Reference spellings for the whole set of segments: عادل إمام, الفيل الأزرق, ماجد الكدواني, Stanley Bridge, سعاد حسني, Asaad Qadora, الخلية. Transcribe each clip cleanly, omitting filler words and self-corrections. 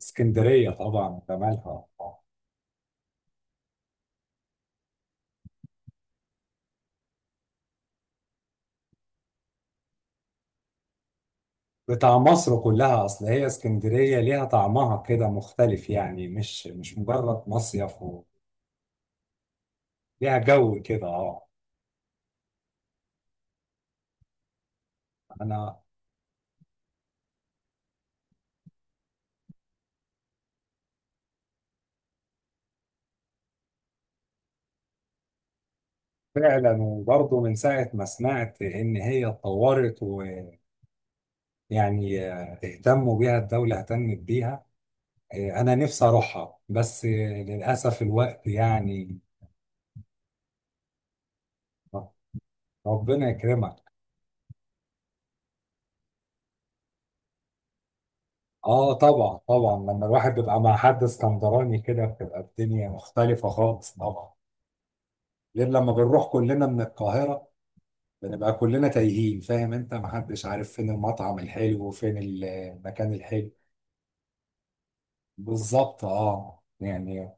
اسكندرية طبعا جمالها بتاع مصر كلها. اصل هي اسكندرية ليها طعمها كده مختلف، يعني مش مجرد مصيف و... ليها جو كده. اه، انا فعلا. وبرضه من ساعة ما سمعت ان هي اتطورت ويعني اهتموا بيها، الدولة اهتمت بيها. انا نفسي اروحها، بس للأسف الوقت يعني. آه، ربنا يكرمك. اه طبعا طبعا، لما الواحد بيبقى مع حد اسكندراني كده بتبقى الدنيا مختلفة خالص طبعا، غير لما بنروح كلنا من القاهرة بنبقى كلنا تايهين، فاهم انت، محدش عارف فين المطعم الحلو وفين المكان الحلو. بالظبط اه يعني.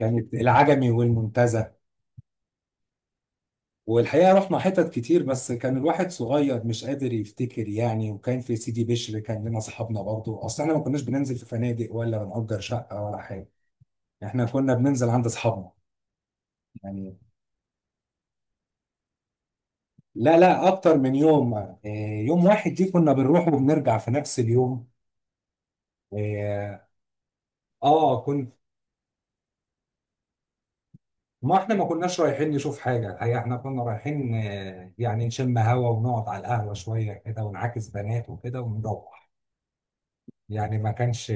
كانت العجمي والمنتزه، والحقيقة رحنا حتت كتير، بس كان الواحد صغير مش قادر يفتكر يعني. وكان في سيدي بشر كان لنا اصحابنا برضو، اصل احنا ما كناش بننزل في فنادق ولا بنأجر شقة ولا حاجة، احنا كنا بننزل عند اصحابنا. يعني لا لا، اكتر من يوم يوم واحد دي كنا بنروح وبنرجع في نفس اليوم. اه كنت. ما احنا ما كناش رايحين نشوف حاجة، الحقيقة احنا كنا رايحين، يعني نشم هوا ونقعد على القهوة شوية كده ونعاكس بنات وكده ونروح. يعني ما كانش،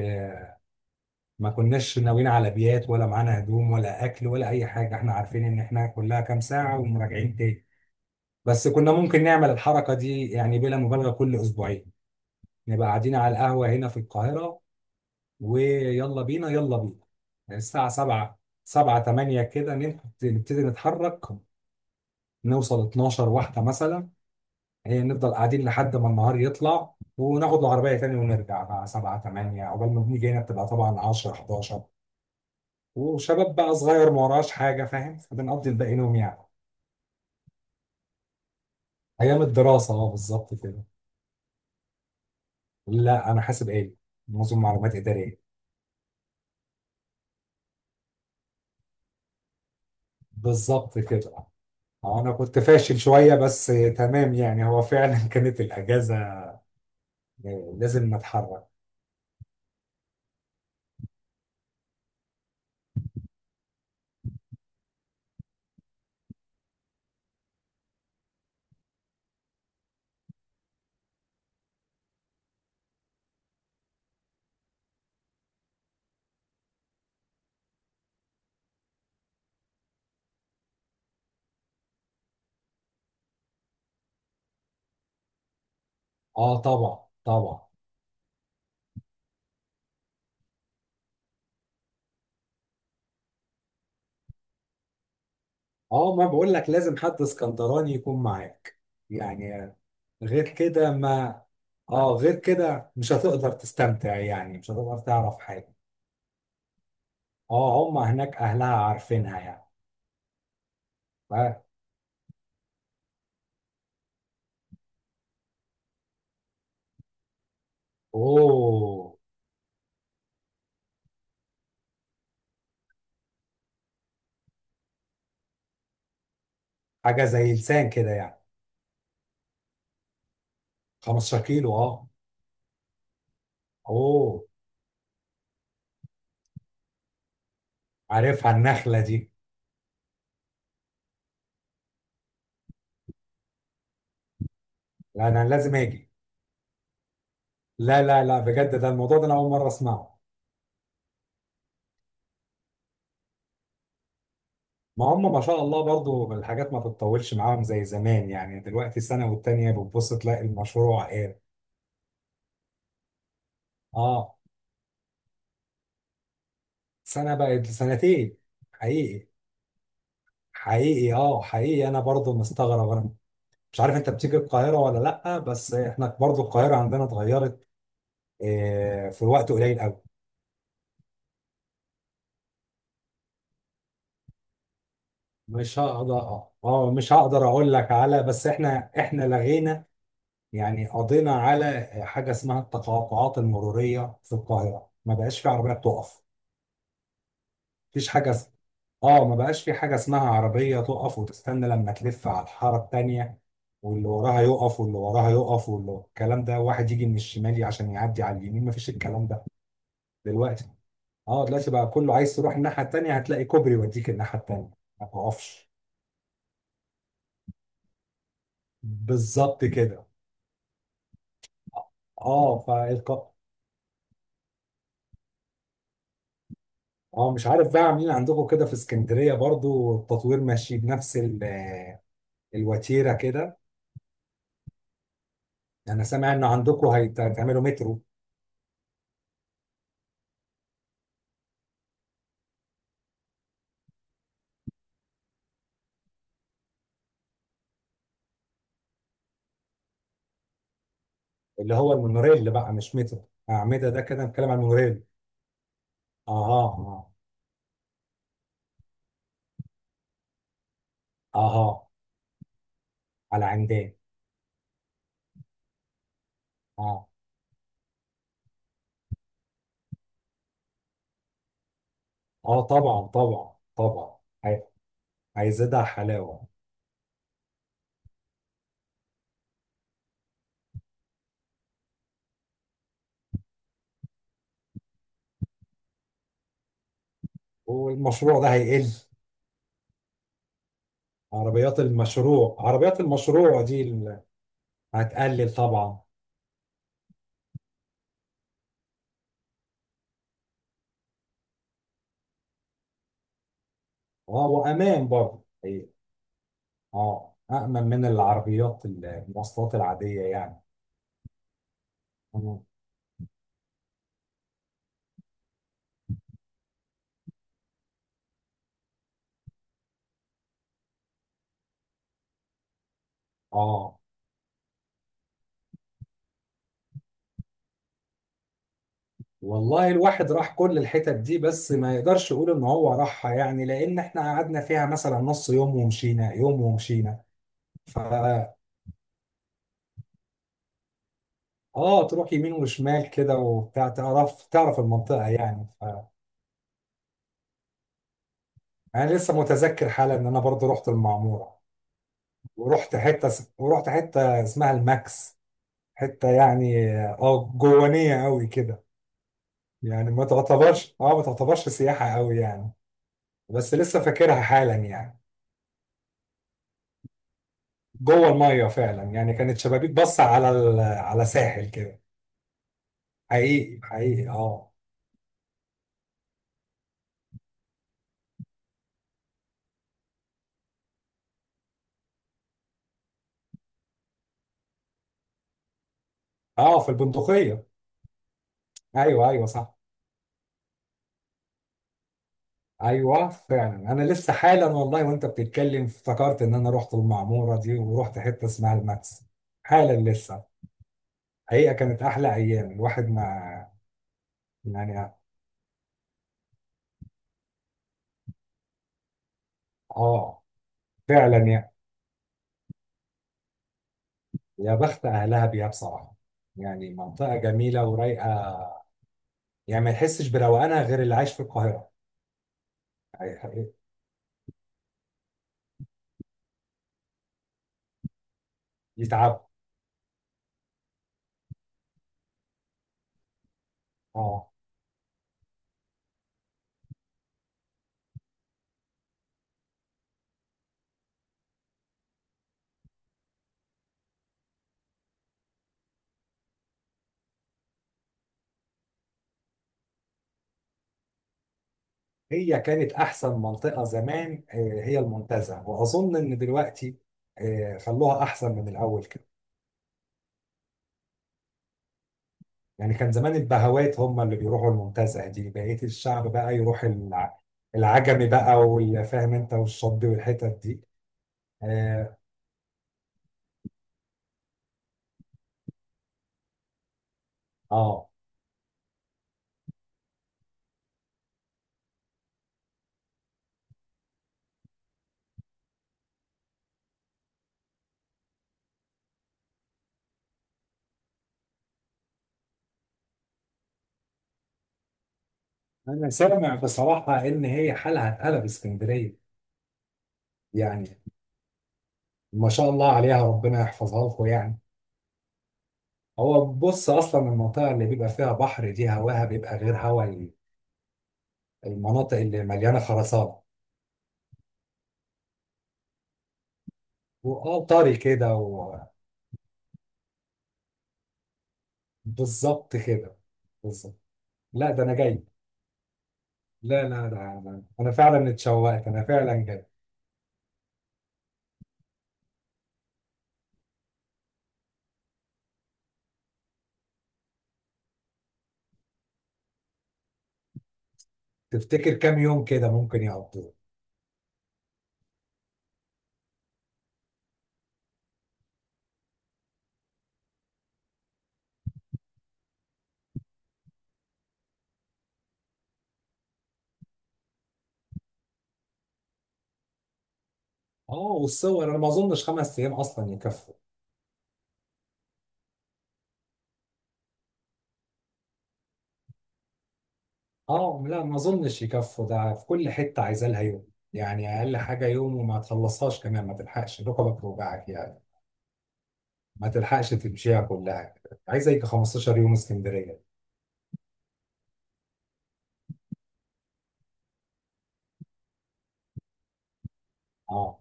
ما كناش ناويين على بيات، ولا معانا هدوم ولا اكل ولا اي حاجة، احنا عارفين ان احنا كلها كام ساعة ومراجعين تاني. بس كنا ممكن نعمل الحركة دي يعني بلا مبالغة كل اسبوعين. نبقى قاعدين على القهوة هنا في القاهرة، ويلا بينا يلا بينا. يعني الساعة 7، 7 8 كده نبتدي نتحرك، نوصل 12 واحدة مثلا. نفضل قاعدين لحد ما النهار يطلع، وناخد العربية تاني ونرجع بقى 7 8، عقبال ما بنيجي هنا بتبقى طبعا 10، 11. وشباب بقى صغير ما وراش حاجة، فاهم، فبنقضي الباقي نوم يعني. أيام الدراسة اه بالظبط كده. لا، أنا حاسب آلي، نظم معلومات إدارية. بالظبط كده. أنا كنت فاشل شوية بس، تمام يعني، هو فعلا كانت الأجازة لازم اتحرك. اه طبعا طبعا. اه، ما بقول لك، لازم حد اسكندراني يكون معاك يعني. غير كده ما. اه، غير كده مش هتقدر تستمتع يعني، مش هتقدر تعرف حاجة. اه، هم هناك اهلها عارفينها يعني. ف- اوه، حاجة زي لسان كده يعني. 15 كيلو، اه. اوه، عارفها النخلة دي. لا، انا لازم اجي. لا لا لا، بجد، ده الموضوع ده انا اول مرة اسمعه. ما هم ما شاء الله، برضو الحاجات ما بتطولش معاهم زي زمان، يعني دلوقتي سنة والتانية بتبص تلاقي المشروع ايه. اه، سنة بقت سنتين. حقيقي. حقيقي اه، حقيقي انا برضو مستغرب. انا مش عارف انت بتيجي القاهرة ولا لأ، بس احنا برضو القاهرة عندنا اتغيرت في وقت قليل قوي. مش هقدر مش هقدر اقول لك، على بس احنا لغينا يعني. قضينا على حاجة اسمها التقاطعات المرورية في القاهرة، ما بقاش في عربيات تقف. مفيش حاجه اس- اه، ما بقاش في حاجه اسمها عربيه تقف وتستنى لما تلف على الحاره التانيه، واللي وراها يقف واللي وراها يقف واللي الكلام ده، واحد يجي من الشمال عشان يعدي على اليمين، مفيش الكلام ده دلوقتي. اه دلوقتي بقى كله عايز تروح الناحيه التانيه هتلاقي كوبري يوديك الناحيه التانيه، ما تقفش. بالظبط كده. اه فالق. اه، مش عارف بقى عاملين عندكم كده في اسكندريه برضو التطوير ماشي بنفس الوتيره كده. انا سامع ان عندكم هيتعملوا مترو. اللي هو المونوريل بقى، مش مترو أعمدة ده كده، نتكلم عن المونوريل. أها أها. أها على عندنا. أه. أه طبعا طبعا طبعا. هي- هيزيدها حلاوة. والمشروع ده هيقل. عربيات المشروع دي هتقلل طبعا. أه وأمان برضه أه، أأمن من العربيات المواصلات العادية يعني. مم. أه والله الواحد راح كل الحتت دي، بس ما يقدرش يقول ان هو راحها يعني، لان احنا قعدنا فيها مثلا نص يوم ومشينا، يوم ومشينا. ف اه تروح يمين وشمال كده وبتاع، تعرف تعرف المنطقة يعني. ف انا لسه متذكر حالا ان انا برضو رحت المعمورة، ورحت حتة اسمها الماكس. حتة يعني اه جوانية قوي كده، يعني ما تعتبرش اه، ما تعتبرش سياحة قوي يعني، بس لسه فاكرها حالا يعني. جوه الميه فعلا يعني، كانت شبابيك بص على... ال... على ساحل كده. حقيقي حقيقي اه. اه، في البندقيه. ايوه ايوه صح. ايوه فعلا انا لسه حالا، والله وانت بتتكلم افتكرت ان انا رحت المعموره دي، ورحت حته اسمها الماكس، حالا لسه. حقيقه كانت احلى ايام الواحد ما يعني. اه، فعلا. يا بخت اهلها بيها بصراحه يعني. منطقه جميله ورايقه يعني، ما يحسش بروقانها غير اللي عايش في القاهره. يعني يتعب. اه، هي كانت احسن منطقه زمان هي المنتزه، واظن ان دلوقتي خلوها احسن من الاول كده. يعني كان زمان البهوات هم اللي بيروحوا المنتزه دي، بقيه الشعب بقى يروح العجمي بقى والفاهم انت والشطبي والحتت دي. اه. آه. انا سامع بصراحه ان هي حالها اتقلب اسكندريه يعني. ما شاء الله عليها، ربنا يحفظها لكم يعني. هو بص، اصلا المنطقه اللي بيبقى فيها بحر دي هواها بيبقى غير هوا المناطق اللي مليانه خرسانه، واه طري كده بالظبط كده. بالظبط. لا ده انا جاي. لا لا ده انا فعلا اتشوقت، انا فعلا جاي. تفتكر كام يوم كده ممكن يقضوا؟ اه والصور. انا ما اظنش 5 ايام اصلا يكفوا. اه لا، ما اظنش يكفوا، ده في كل حته عايزه لها يوم. يعني اقل حاجه يوم، وما تخلصهاش كمان، ما تلحقش ركبك توجعك يعني، ما تلحقش تمشيها كلها. عايزه يجي 15 يوم اسكندريه. اه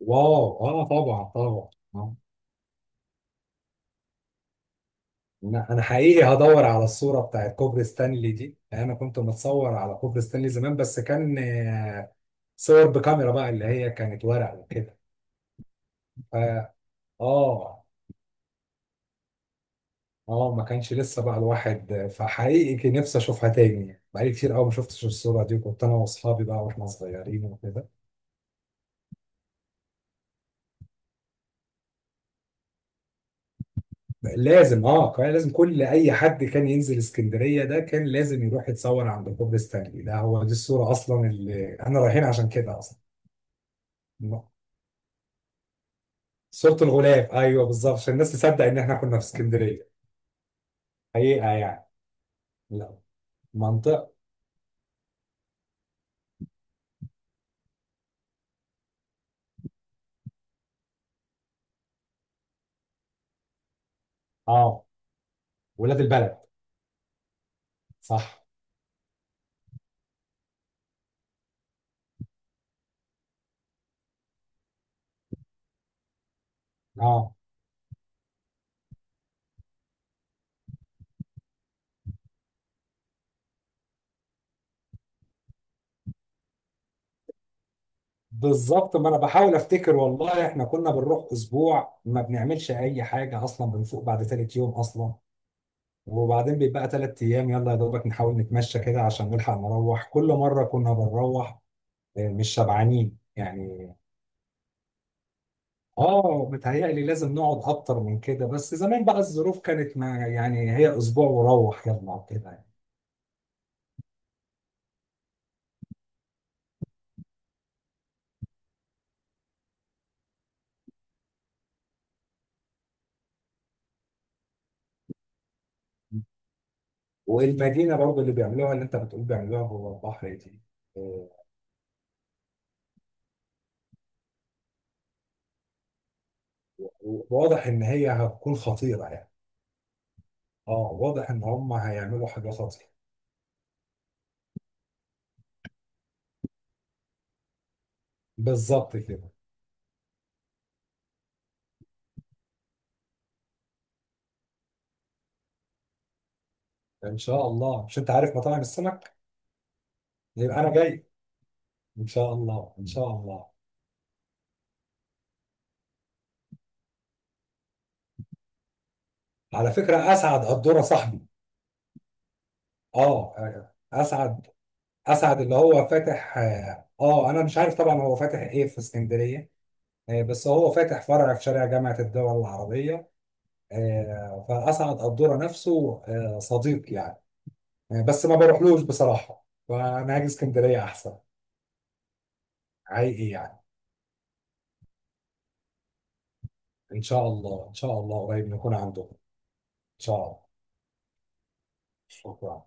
واو، اه طبعا طبعا. آه. انا حقيقي هدور على الصوره بتاعت كوبري ستانلي دي، لأن انا كنت متصور على كوبري ستانلي زمان، بس كان صور بكاميرا بقى اللي هي كانت ورق وكده، فا اه اه ما كانش لسه بقى الواحد، فحقيقي كان نفسي اشوفها تاني يعني. بقالي كتير قوي ما شفتش الصوره دي، وكنت انا واصحابي بقى واحنا صغيرين وكده. لازم. اه كان لازم كل اي حد كان ينزل اسكندريه ده، كان لازم يروح يتصور عند كوبري ستانلي، ده هو دي الصوره اصلا اللي احنا رايحين عشان كده اصلا. صورة الغلاف، ايوه بالظبط، عشان الناس تصدق ان احنا كنا في اسكندريه حقيقه يعني. لا، منطقه. اه، ولاد البلد. صح. اه بالظبط، ما انا بحاول افتكر، والله احنا كنا بنروح اسبوع ما بنعملش اي حاجه اصلا، بنفوق بعد تالت يوم اصلا، وبعدين بيبقى 3 ايام يلا يا دوبك نحاول نتمشى كده عشان نلحق، نروح كل مره كنا بنروح مش شبعانين يعني. اه متهيألي لازم نقعد اكتر من كده، بس زمان بقى الظروف كانت ما يعني، هي اسبوع وروح يلا كده. والمدينة برضو اللي بيعملوها، اللي انت بتقول بيعملوها جوه البحر دي، آه، واضح ان هي هتكون خطيرة يعني. اه واضح ان هم هيعملوا حاجة خطيرة. بالظبط كده. ان شاء الله. مش انت عارف مطاعم السمك؟ يبقى انا جاي. ان شاء الله ان شاء الله. على فكرة اسعد قدورة صاحبي. اه اسعد اللي هو فاتح انا مش عارف طبعا هو فاتح ايه في اسكندرية، بس هو فاتح فرع في شارع جامعة الدول العربية فأسعد قدورة نفسه صديق يعني بس ما بروحلوش بصراحة، فأنا هاجي اسكندرية أحسن. حقيقي يعني. إن شاء الله إن شاء الله، قريب نكون عنده. إن شاء الله. شكرا